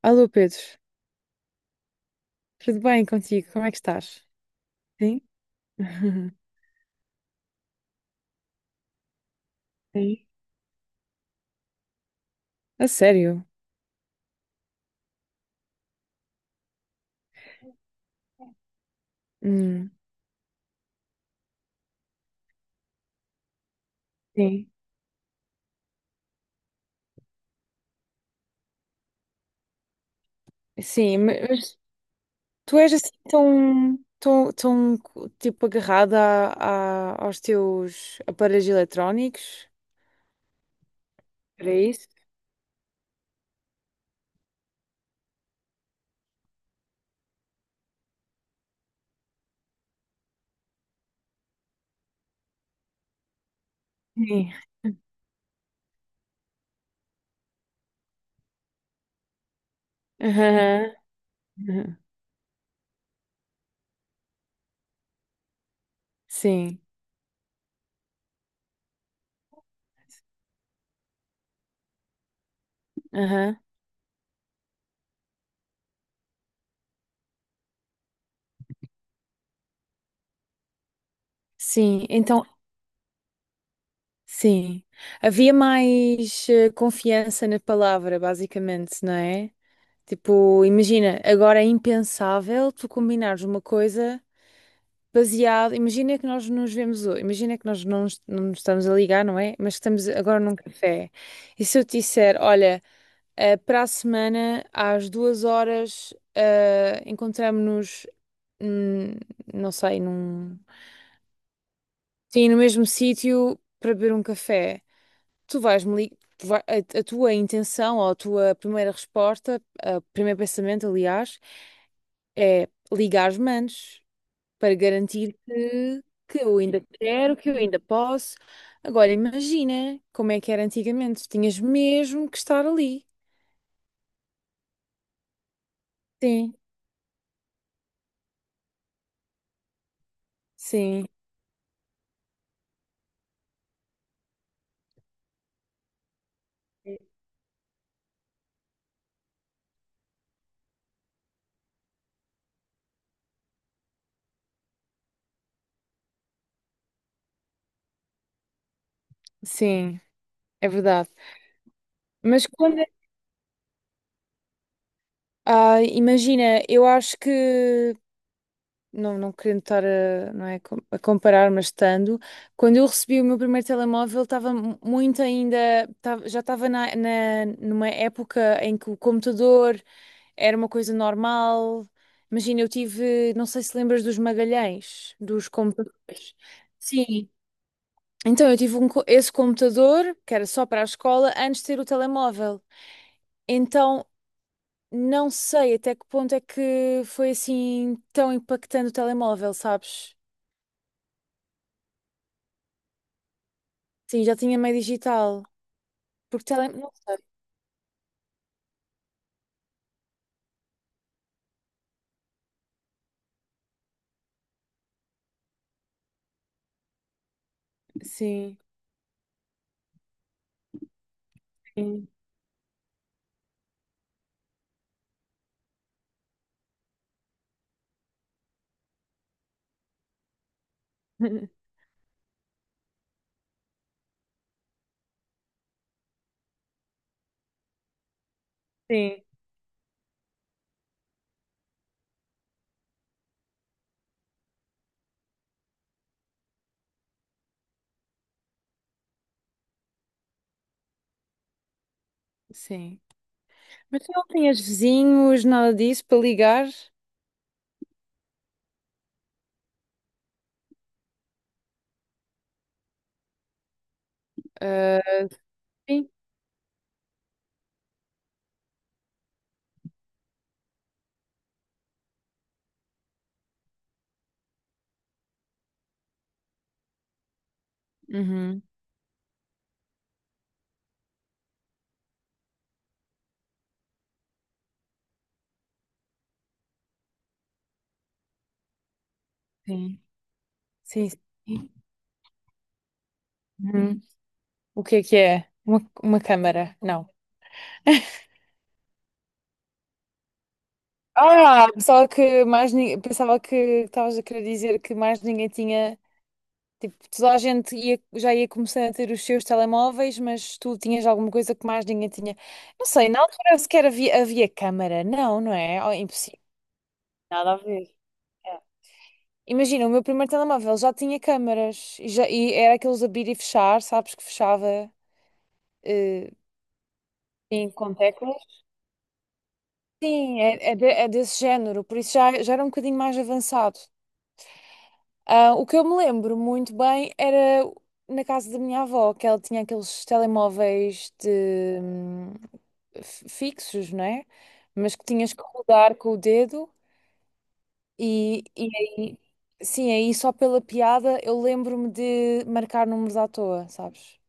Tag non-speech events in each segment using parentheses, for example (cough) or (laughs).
Alô Pedro, tudo bem contigo? Como é que estás? Sim, (laughs) sim. A sério? Hum, sim. Sim, mas tu és assim tão, tão, tão tipo agarrada aos teus aparelhos eletrónicos? Era isso? Sim. Aham. (laughs) Aham. Sim. Aham. Sim, então, sim. Havia mais confiança na palavra, basicamente, não é? Tipo, imagina, agora é impensável tu combinares uma coisa baseada. Imagina que nós nos vemos hoje, imagina que nós não nos estamos a ligar, não é? Mas que estamos agora num café. E se eu te disser, olha, para a semana, às 2 horas, encontramos-nos, não sei, num. Sim, no mesmo sítio para beber um café. Tu vais-me ligar. A tua intenção ou a tua primeira resposta, o primeiro pensamento, aliás, é ligar as mãos para garantir que eu ainda quero, que eu ainda posso. Agora imagina como é que era antigamente. Tinhas mesmo que estar ali. Sim, sim, sim, é verdade. Mas quando. Ah, imagina, eu acho que. Não, não querendo estar a, não é, a comparar, mas estando, quando eu recebi o meu primeiro telemóvel, estava muito ainda, já estava numa época em que o computador era uma coisa normal. Imagina, eu tive, não sei se lembras dos Magalhães, dos computadores. Sim. Então eu tive esse computador, que era só para a escola, antes de ter o telemóvel. Então não sei até que ponto é que foi assim tão impactante o telemóvel, sabes? Sim, já tinha meio digital. Porque Não sei. Sim. Sim. (laughs) Sim. Sim. Mas tu não tinhas vizinhos, nada disso para ligar? Ah, sim. Uhum. Sim. Sim, sim. Uhum. O que é que é? Uma câmara? Não. Ah, pensava que pensava que estavas a querer dizer que mais ninguém tinha, tipo, toda a gente ia, já ia começando a ter os seus telemóveis, mas tu tinhas alguma coisa que mais ninguém tinha. Não sei, na altura sequer havia, havia câmara. Não, não é? Oh, impossível. Nada a ver. É. Imagina, o meu primeiro telemóvel já tinha câmaras e, já, e era aqueles abrir e fechar, sabes que fechava eh, sim, com teclas. Sim, é desse género, por isso já, já era um bocadinho mais avançado. Ah, o que eu me lembro muito bem era na casa da minha avó, que ela tinha aqueles telemóveis de, fixos, não é? Mas que tinhas que rodar com o dedo e, aí, sim, aí só pela piada eu lembro-me de marcar números à toa, sabes?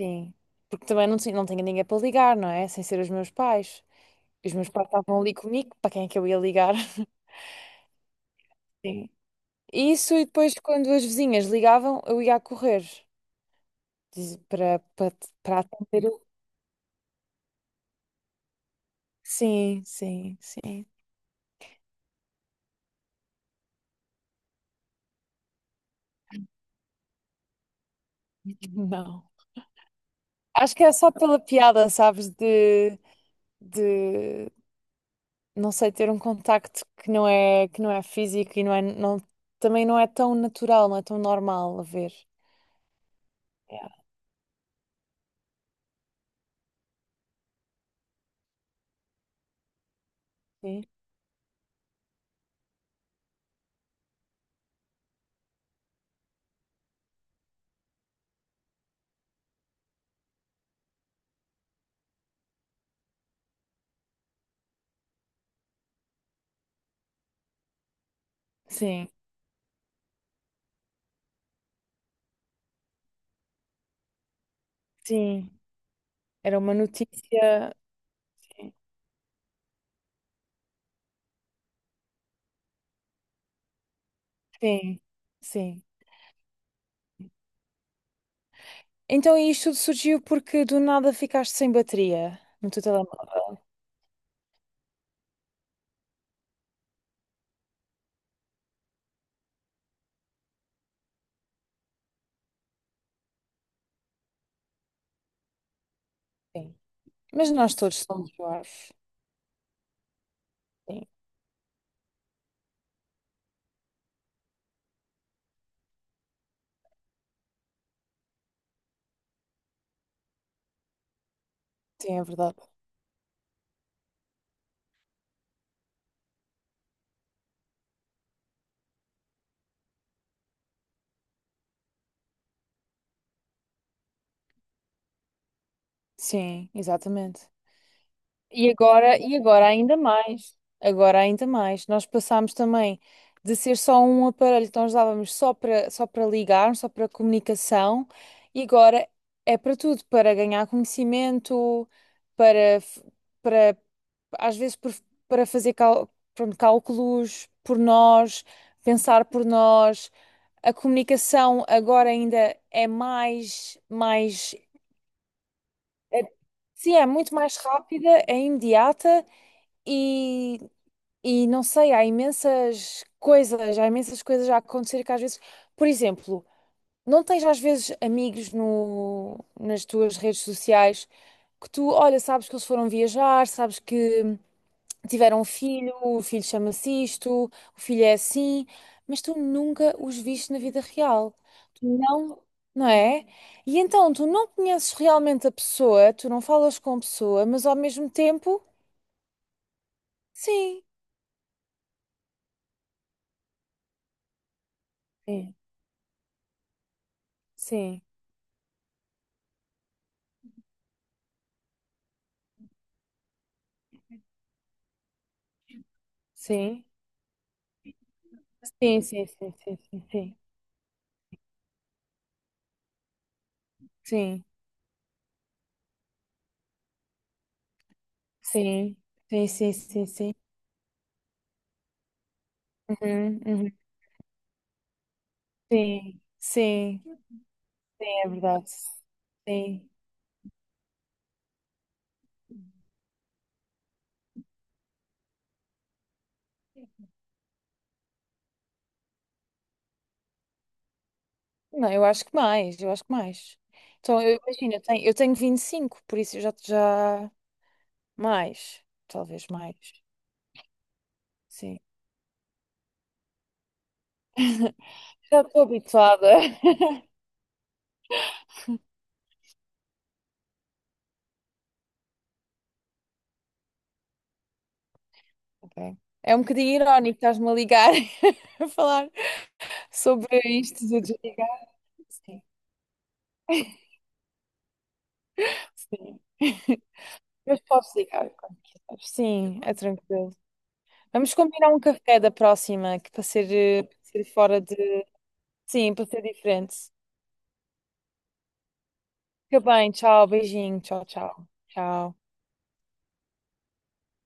Sim. Porque também não, não tinha ninguém para ligar, não é? Sem ser os meus pais. E os meus pais estavam ali comigo, para quem é que eu ia ligar? (laughs) Isso e depois quando as vizinhas ligavam, eu ia a correr diz- para para para atender. Sim, sim, sim. Não. Acho que é só pela piada, sabes, de de não sei ter um contacto que não é, físico e não é não também não é tão natural, não é tão normal a ver. Yeah. Sim. Sim. Sim. Era uma notícia. Sim. Sim. Então isto surgiu porque do nada ficaste sem bateria no teu telemóvel. Sim. Mas nós todos somos parvos. Sim, sim, é verdade. Sim, exatamente. E agora ainda mais. Agora ainda mais. Nós passámos também de ser só um aparelho que nós usávamos só para ligar, só para comunicação, e agora é para tudo, para ganhar conhecimento, para f- para às vezes para fazer pronto, cálculos por nós, pensar por nós. A comunicação agora ainda é mais é- Sim, é muito mais rápida, é imediata e, não sei, há imensas coisas a acontecer que às vezes, por exemplo, não tens às vezes amigos no, nas tuas redes sociais que tu, olha, sabes que eles foram viajar, sabes que tiveram um filho, o filho chama-se isto, o filho é assim, mas tu nunca os viste na vida real. Tu não, não é? E então tu não conheces realmente a pessoa, tu não falas com a pessoa, mas ao mesmo tempo, sim. Sim, sim, sim. Sim, sim, sim, sim, sim, sim. Sim, sim, sim, sim, sim. Sim. Uhum, uhum. Sim, sim, é verdade. Sim. Não, eu acho que mais, eu acho que mais. Então, eu imagino, eu tenho 25, por isso eu já, já mais, talvez mais. Sim. Já estou habituada. (laughs) Ok. É um bocadinho irónico estás-me a ligar (laughs) a falar sobre isto de desligar. Sim, sim. (laughs) Mas posso ligar quando quiseres. Sim, é tranquilo. Vamos combinar um café da próxima, que para ser, para ser fora de. Sim, para ser diferente. Fica bem, tchau, beijinho, tchau, tchau. Tchau.